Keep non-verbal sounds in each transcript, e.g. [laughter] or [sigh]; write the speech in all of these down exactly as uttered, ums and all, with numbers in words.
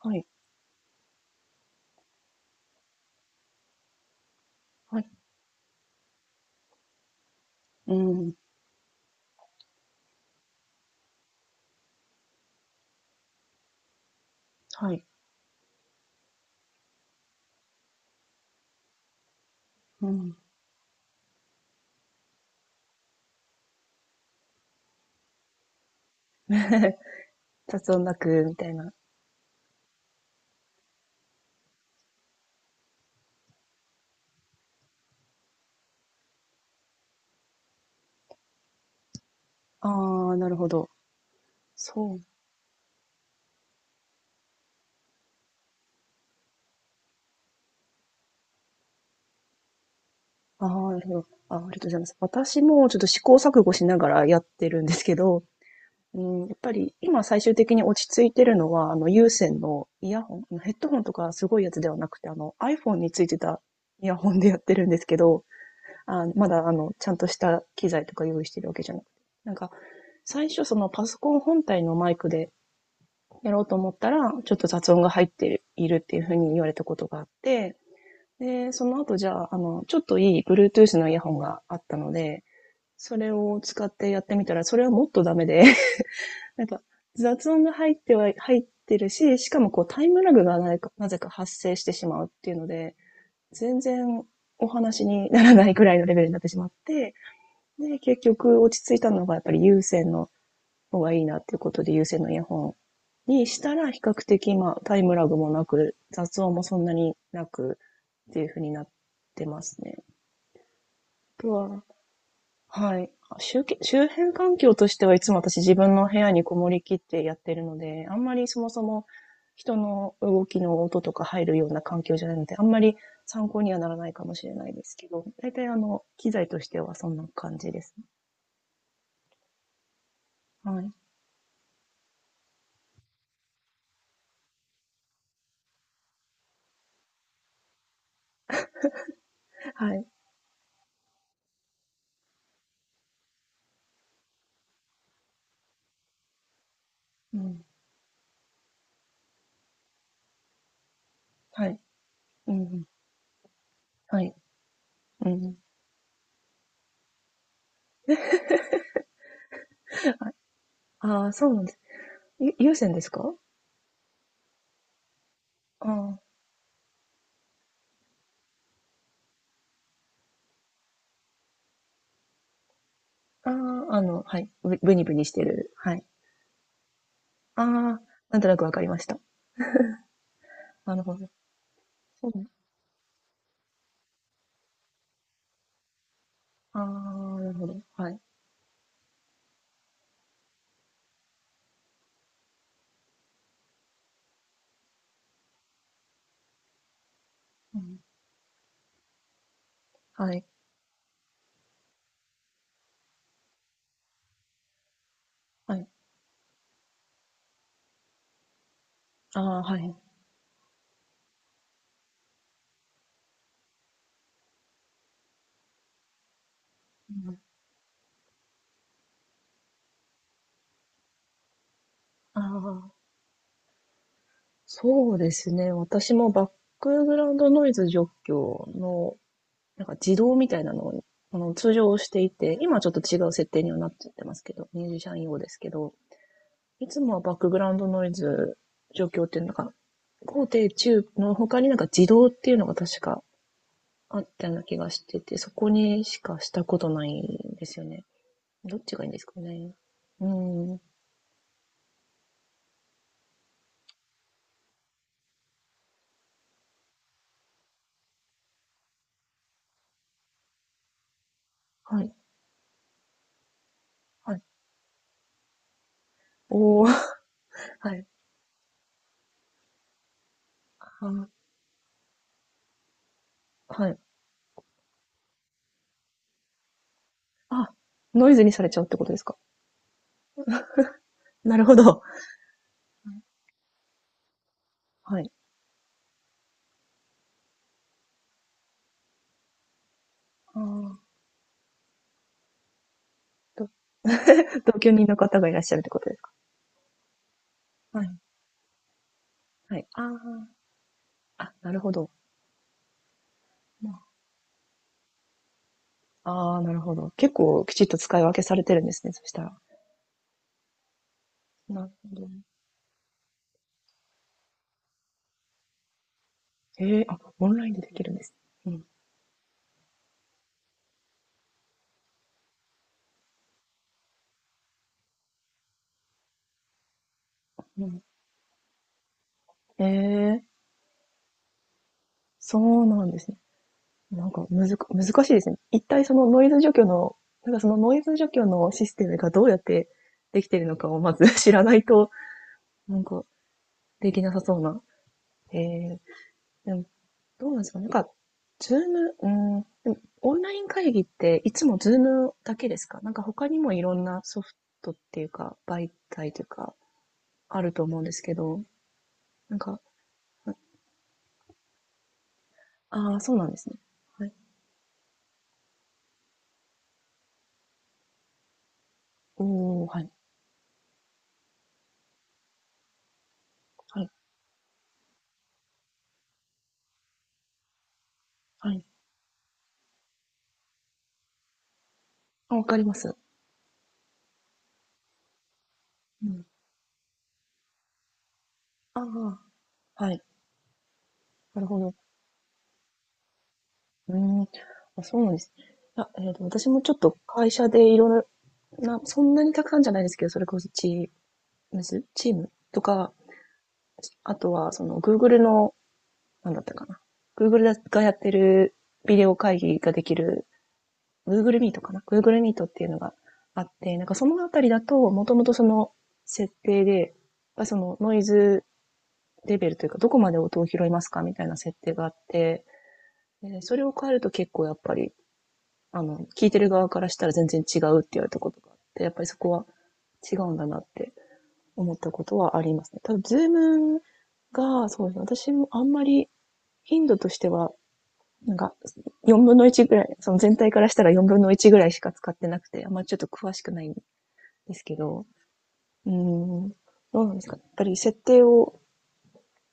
はい、はい、うん、はい、うん。[laughs] 雑音なく、みたいな。ああ、なるほど。そう。ああ、なるほど。ああ、ありがとうございます。私もちょっと試行錯誤しながらやってるんですけど、うん、やっぱり今最終的に落ち着いてるのは、あの有線のイヤホン、あのヘッドホンとかすごいやつではなくて、あの アイフォン についてたイヤホンでやってるんですけど、あ、まだあの、ちゃんとした機材とか用意してるわけじゃなくて。なんか、最初そのパソコン本体のマイクでやろうと思ったら、ちょっと雑音が入っているっていうふうに言われたことがあって、で、その後じゃあ、あの、ちょっといい ブルートゥース のイヤホンがあったので、それを使ってやってみたら、それはもっとダメで、[laughs] なんか雑音が入っては、入ってるし、しかもこうタイムラグがなぜかなぜか発生してしまうっていうので、全然お話にならないくらいのレベルになってしまって、で、結局落ち着いたのがやっぱり有線の方がいいなっていうことで有線のイヤホンにしたら比較的まあタイムラグもなく雑音もそんなになくっていう風になってますね。あとは、はい。周周辺環境としてはいつも私自分の部屋にこもりきってやってるので、あんまりそもそも人の動きの音とか入るような環境じゃないので、あんまり参考にはならないかもしれないですけど、大体あの、機材としてはそんな感じですね。はい。はい。うん。はい。うんはい。うん。ああ、そうなんです。ゆ有線ですか？ああ、ああ、あの、はい、ぶブニブニしてる、はい。ああ、なんとなくわかりました。なるほど。そうね。ああ、なるほど。はい。うん。はい。はい。ああ、はい。うん。ああ、そうですね。私もバックグラウンドノイズ除去の、なんか自動みたいなのを、あの、通常していて、今はちょっと違う設定にはなっちゃってますけど、ミュージシャン用ですけど、いつもはバックグラウンドノイズ除去っていうのが高低中の他になんか自動っていうのが確かあったような気がしてて、そこにしかしたことないんですよね。どっちがいいんですかね。うーん。はい。はい。おー。[laughs] はい。あはい。あ、ノイズにされちゃうってことですか。なるほど。はい。あーと同居人の方がいらっしゃるってことですか。はい。はい。ああ。あ、なるほど。ああ、なるほど。結構きちっと使い分けされてるんですね、そしたら。なるほど。ええあ、オンラインでできるんです。うん。うん。ええ、そうなんですね。なんか、むずか難しいですね。一体そのノイズ除去の、なんかそのノイズ除去のシステムがどうやってできてるのかをまず [laughs] 知らないと、[laughs] なんか、できなさそうな。ええ、でも、どうなんですかねなんか、ズーム、うん、でもオンライン会議っていつもズームだけですかなんか他にもいろんなソフトっていうか、媒体というか、あると思うんですけど、なんか、ああー、そうなんですね。はい。おー、はい。はい。はい。あ、わかります。うん。ああ、はい。なるほど。うーん。あ、そうなんです。いや、えっと、私もちょっと会社でいろんな、そんなにたくさんじゃないですけど、それこそチームズ、チームとか、あとは、その、Google の、なんだったかな。Google がやってるビデオ会議ができる、Google Meet かな。Google Meet っていうのがあって、なんかそのあたりだと、もともとその設定で、まあそのノイズレベルというか、どこまで音を拾いますかみたいな設定があって、えーそれを変えると結構やっぱり、あの、聞いてる側からしたら全然違うって言われたことがあって、やっぱりそこは違うんだなって思ったことはありますね。ただ、ズーム が、そうですね、私もあんまり頻度としては、なんか、よんぶんのいちぐらい、その全体からしたらよんぶんのいちぐらいしか使ってなくて、あんまちょっと詳しくないんですけど、うーん、どうなんですかね。やっぱり設定を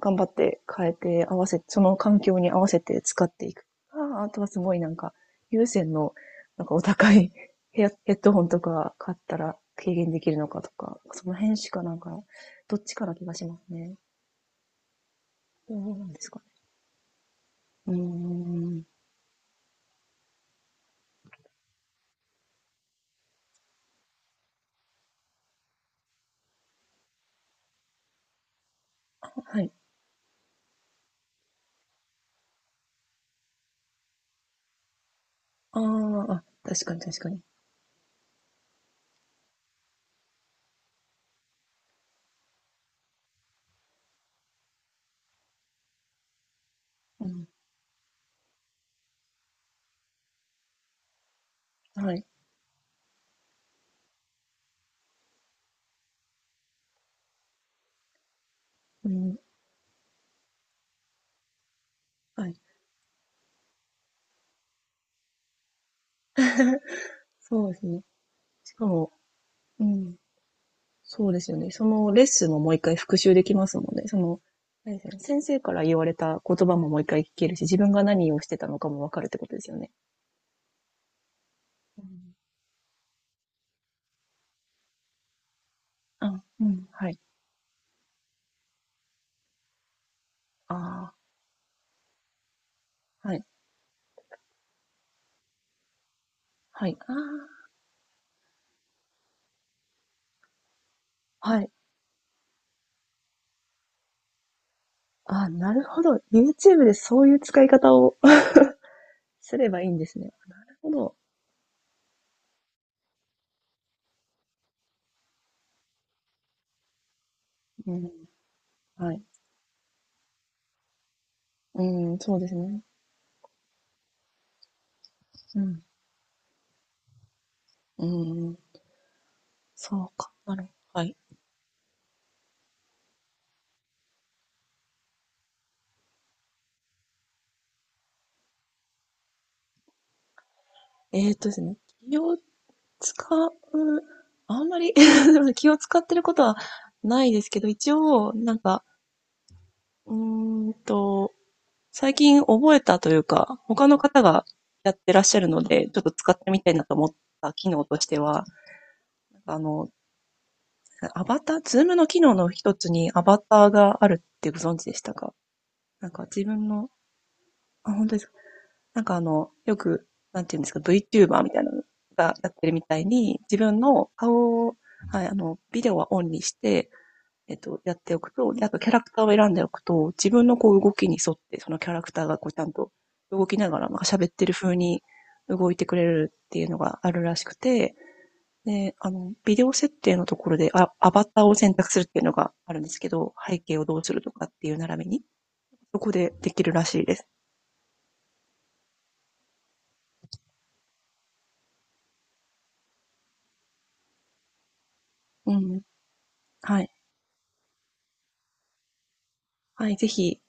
頑張って変えて合わせ、その環境に合わせて使っていく。ああとはすごいなんか、有線の、なんかお高い [laughs] ヘアヘッドホンとか買ったら軽減できるのかとか、その辺しかなんか、どっちかな気がしますね。どうなんですかね。うーん。はい。ああ、確かに確かに。うん。はい。うん。はい。そうですね。しかも、うん。そうですよね。そのレッスンももう一回復習できますもんね。その、何ですかね先生から言われた言葉ももう一回聞けるし、自分が何をしてたのかもわかるってことですよね。うんあ、うん、はい。ああ、はい、はい、ああ、はい。ああなるほど。ユーチューブ でそういう使い方を [laughs] すればいいんですね。なるほど。うん、はい。うん、そうですね。うん、うん、そうか。なるほど。はい。えー、っとですね。企業使う、あんまり [laughs] 気を使ってることはないですけど、一応、なんか、うーんと、最近覚えたというか、他の方がやってらっしゃるので、ちょっと使ってみたいなと思った機能としては、あの、アバター、ズームの機能の一つにアバターがあるってご存知でしたかなんか自分の、あ、本当ですかなんかあの、よく、なんていうんですか、ブイチューバー みたいなのがやってるみたいに、自分の顔を、はい、あの、ビデオはオンにして、えっと、やっておくと、で、あとキャラクターを選んでおくと、自分のこう動きに沿って、そのキャラクターがこうちゃんと動きながら、なんか喋ってる風に動いてくれるっていうのがあるらしくて、で、あの、ビデオ設定のところで、あ、アバターを選択するっていうのがあるんですけど、背景をどうするとかっていう並びに、そこでできるらしいです。うん。はい。はい、ぜひ、